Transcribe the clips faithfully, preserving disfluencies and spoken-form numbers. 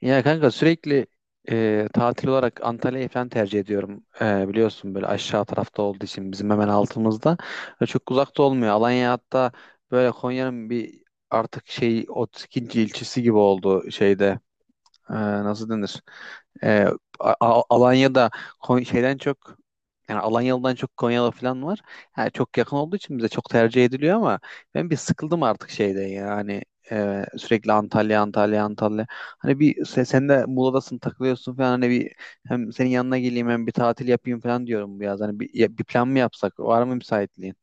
Ya kanka sürekli e, tatil olarak Antalya'yı falan tercih ediyorum. E, biliyorsun böyle aşağı tarafta olduğu için bizim hemen altımızda. E, çok uzakta olmuyor. Alanya hatta böyle Konya'nın bir artık şey otuz ikinci ilçesi gibi oldu şeyde e, nasıl denir? E, A- A- Alanya'da Kon- şeyden çok yani Alanyalı'dan çok Konyalı falan var. Yani çok yakın olduğu için bize çok tercih ediliyor ama ben bir sıkıldım artık şeyde yani e, sürekli Antalya Antalya Antalya. Hani bir se- sen de Muğla'dasın takılıyorsun falan hani bir hem senin yanına geleyim hem bir tatil yapayım falan diyorum bu yaz. Hani bir, ya- bir plan mı yapsak? Var mı müsaitliğin?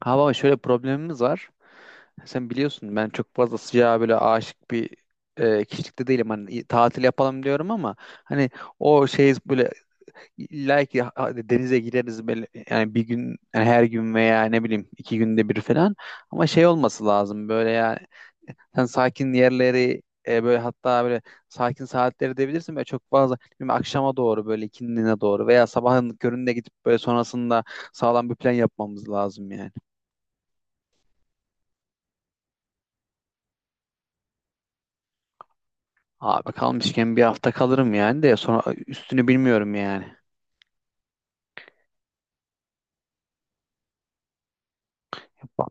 Ha baba şöyle problemimiz var. Sen biliyorsun ben çok fazla sıcağa böyle aşık bir e, kişilikte değilim. Hani i- tatil yapalım diyorum ama hani o şey böyle illa ki ha- hadi denize gireriz böyle yani bir gün yani her gün veya ne bileyim iki günde bir falan ama şey olması lazım böyle yani sen sakin yerleri e, böyle hatta böyle sakin saatleri de bilirsin böyle çok fazla bilmiyorum, akşama doğru böyle ikindine doğru veya sabahın köründe gidip böyle sonrasında sağlam bir plan yapmamız lazım yani. Abi kalmışken bir hafta kalırım yani de sonra üstünü bilmiyorum yani. Yapalım.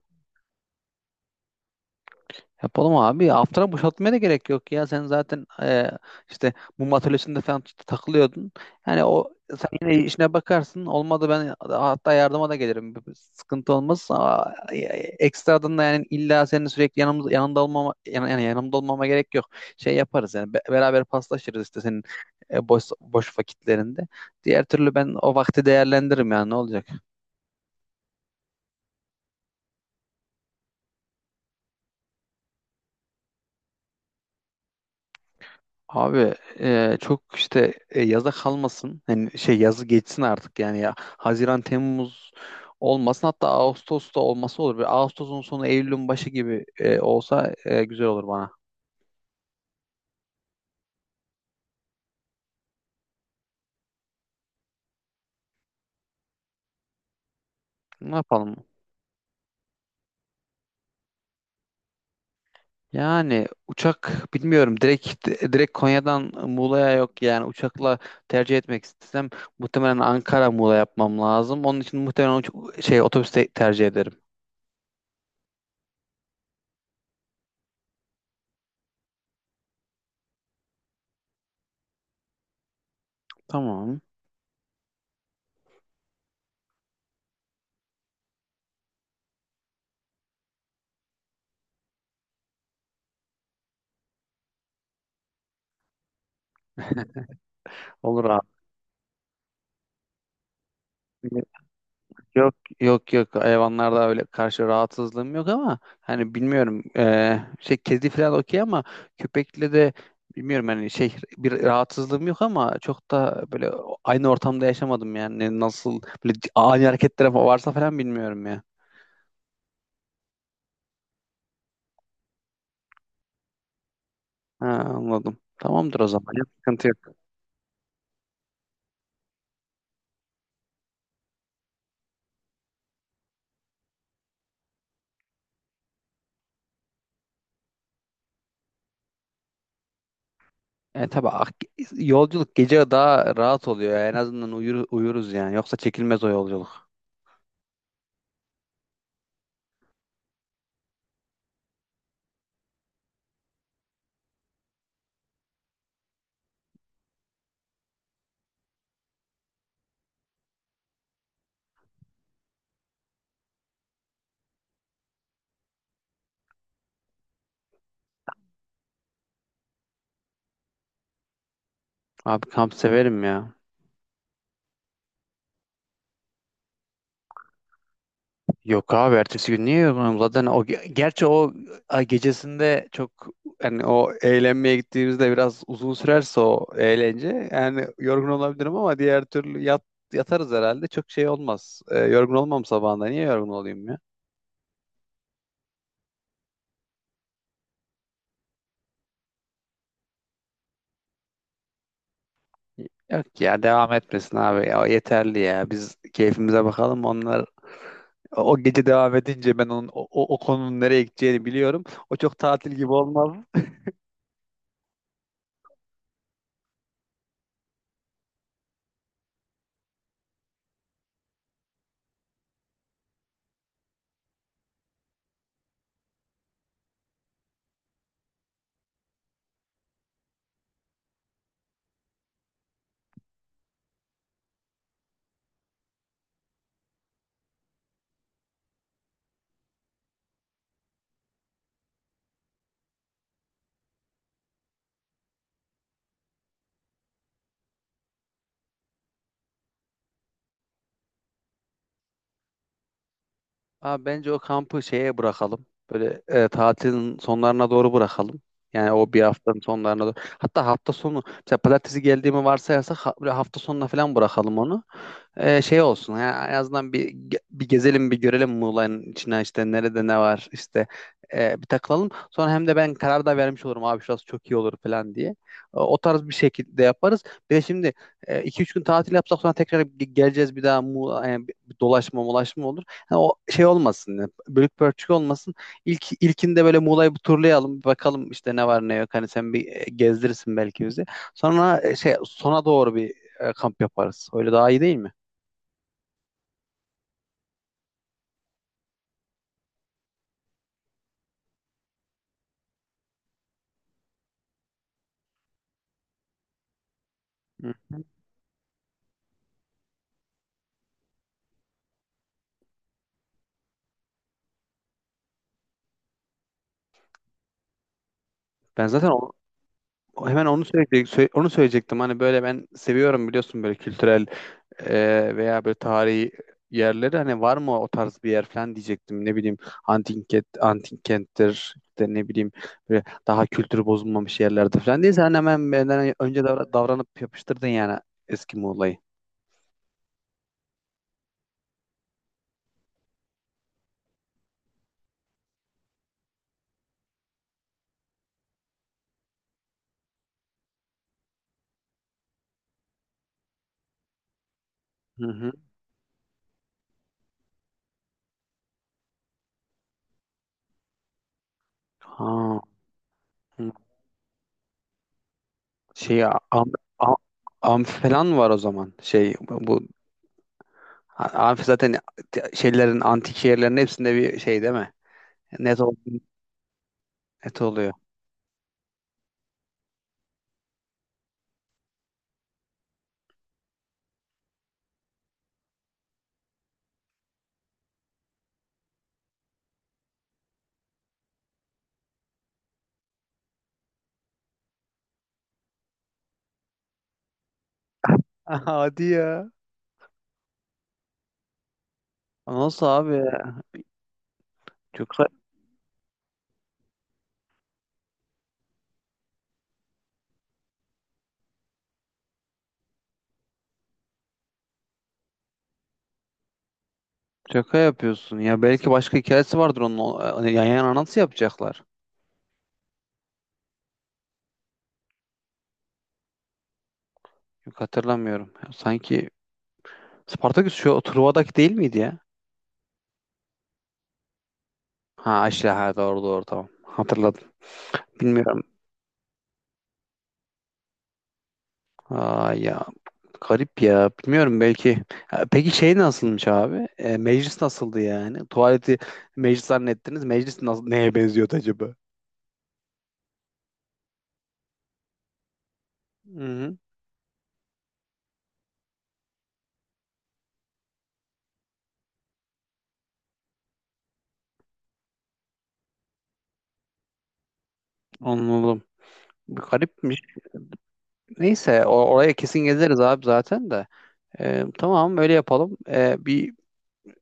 Yapalım abi. Haftana boşaltmaya da gerek yok ya. Sen zaten e, işte mum atölyesinde falan takılıyordun. Yani o sen yine işine bakarsın. Olmadı ben hatta yardıma da gelirim. Bir- bir Sıkıntı olmaz. Aa, e, Ekstradan da yani illa senin sürekli yanımız yanında olmama yan- yani yanımda olmama gerek yok. Şey yaparız yani be- beraber paslaşırız işte senin e, boş boş vakitlerinde. Diğer türlü ben o vakti değerlendiririm yani ne olacak? Abi e, çok işte e, yaza kalmasın. Yani şey yazı geçsin artık yani ya. Haziran, Temmuz olmasın hatta Ağustos'ta olması olur. Bir Ağustos'un sonu Eylül'ün başı gibi e, olsa e, güzel olur bana. Ne yapalım? Yani uçak bilmiyorum direkt direkt Konya'dan Muğla'ya yok yani uçakla tercih etmek istesem muhtemelen Ankara Muğla yapmam lazım. Onun için muhtemelen uç- şey otobüste tercih ederim. Tamam. Olur abi. Yok, yok, yok, hayvanlarda öyle karşı rahatsızlığım yok ama hani bilmiyorum eee, şey kedi falan okey ama köpekle de bilmiyorum hani şey bir rahatsızlığım yok ama çok da böyle aynı ortamda yaşamadım yani Ne- nasıl böyle ani hareketler fa- varsa falan bilmiyorum ya. Ha, anladım. Tamamdır o zaman. Yok, sıkıntı yok. E, tabii ak- yolculuk gece daha rahat oluyor ya. En azından uyur, uyuruz yani. Yoksa çekilmez o yolculuk. Abi kamp severim ya. Yok abi ertesi gün niye yorgunum zaten o ge- gerçi o ay gecesinde çok yani o eğlenmeye gittiğimizde biraz uzun sürerse o eğlence yani yorgun olabilirim ama diğer türlü yat, yatarız herhalde çok şey olmaz. Ee, yorgun olmam sabahında niye yorgun olayım ya? Yok ya devam etmesin abi ya o yeterli ya biz keyfimize bakalım onlar o o gece devam edince ben onun o, o o konunun nereye gideceğini biliyorum. O çok tatil gibi olmaz. Abi bence o kampı şeye bırakalım. Böyle e, tatilin sonlarına doğru bırakalım. Yani o bir haftanın sonlarına doğru. Hatta hafta sonu mesela pazartesi geldiğimi varsayarsak ha- böyle hafta sonuna falan bırakalım onu. E, şey olsun yani en azından bir ge- bir gezelim bir görelim Muğla'nın içine işte nerede ne var işte e, bir takılalım. Sonra hem de ben karar da vermiş olurum abi şurası çok iyi olur falan diye. O, o tarz bir şekilde yaparız. Bir de şimdi e, iki üç gün tatil yapsak sonra tekrar ge- geleceğiz bir daha Muğla, yani bir dolaşma molaşma olur. Ha, o şey olmasın, ya, bölük pörçük olmasın. İlk ilkinde böyle Muğla'yı bir turlayalım, bir bakalım işte ne var ne yok. Hani sen bir e, gezdirirsin belki bizi. Sonra e, şey sona doğru bir e, kamp yaparız. Öyle daha iyi değil mi? Hı hı. Ben zaten o- o- hemen onu söyleyecektim, onu söyleyecektim. Hani böyle ben seviyorum biliyorsun böyle kültürel e, veya böyle tarihi yerleri hani var mı o tarz bir yer falan diyecektim. Ne bileyim antik kent, antik kenttir işte ne bileyim böyle daha kültürü bozulmamış yerlerde falan değil. Sen hemen benden önce davra- davranıp yapıştırdın yani eski Muğla'yı. Hı hı. Ha, hı. şey am, am, amfi falan var o zaman. Şey bu bu- amfi zaten şeylerin antik şehirlerin hepsinde bir şey değil mi? Net, ol, net oluyor. Hadi ya. Nasıl abi? Çok Şaka yapıyorsun ya. Belki başka hikayesi vardır onun. O- e, Hani yan yana nasıl yapacaklar? Yok hatırlamıyorum. Ya sanki Spartaküs şu Truva'daki değil miydi ya? Ha işte ha doğru doğru tamam. Hatırladım. Bilmiyorum. Aa ya garip ya. Bilmiyorum belki. Ha, peki şey nasılmış abi? E, meclis nasıldı yani? Tuvaleti meclis zannettiniz. Meclis nasıl, neye benziyordu acaba? Hı-hı, anladım. Garipmiş. Neyse o- oraya kesin gezeriz abi zaten de. Ee, tamam öyle yapalım. Ee, bir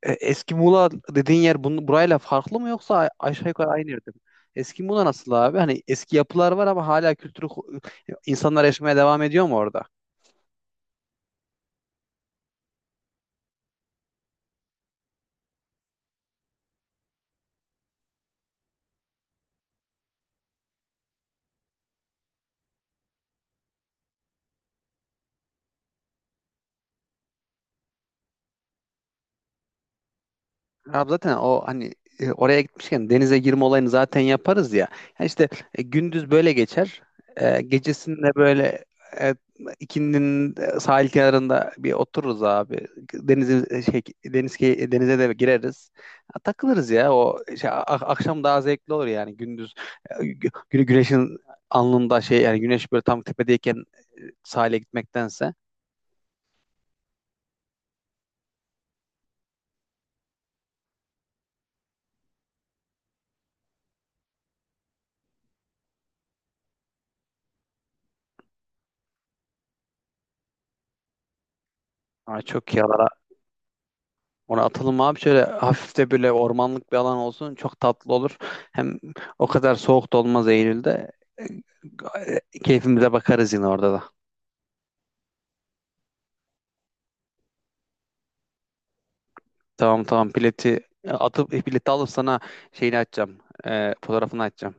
E, Eski Muğla dediğin yer bunu, burayla farklı mı yoksa a- aşağı yukarı aynı yerde mi? Eski Muğla nasıl abi? Hani eski yapılar var ama hala kültürü insanlar yaşamaya devam ediyor mu orada? Abi zaten o hani e, oraya gitmişken denize girme olayını zaten yaparız ya. Yani işte e, gündüz böyle geçer. E, gecesinde böyle e, ikindinin e, sahil kenarında bir otururuz abi. Denize e, şey, deniz key- denize de gireriz. Ya, takılırız ya. O şey, a- akşam daha zevkli olur yani gündüz e, gü- gü- güneşin alnında şey yani güneş böyle tam tepedeyken e, sahile gitmektense. Ama çok iyi olur. Ona atalım abi şöyle hafif de böyle ormanlık bir alan olsun çok tatlı olur. Hem o kadar soğuk da olmaz Eylül'de. E, Keyfimize bakarız yine orada da. Tamam, tamam, bileti atıp bileti alıp sana şeyini açacağım. E, fotoğrafını açacağım.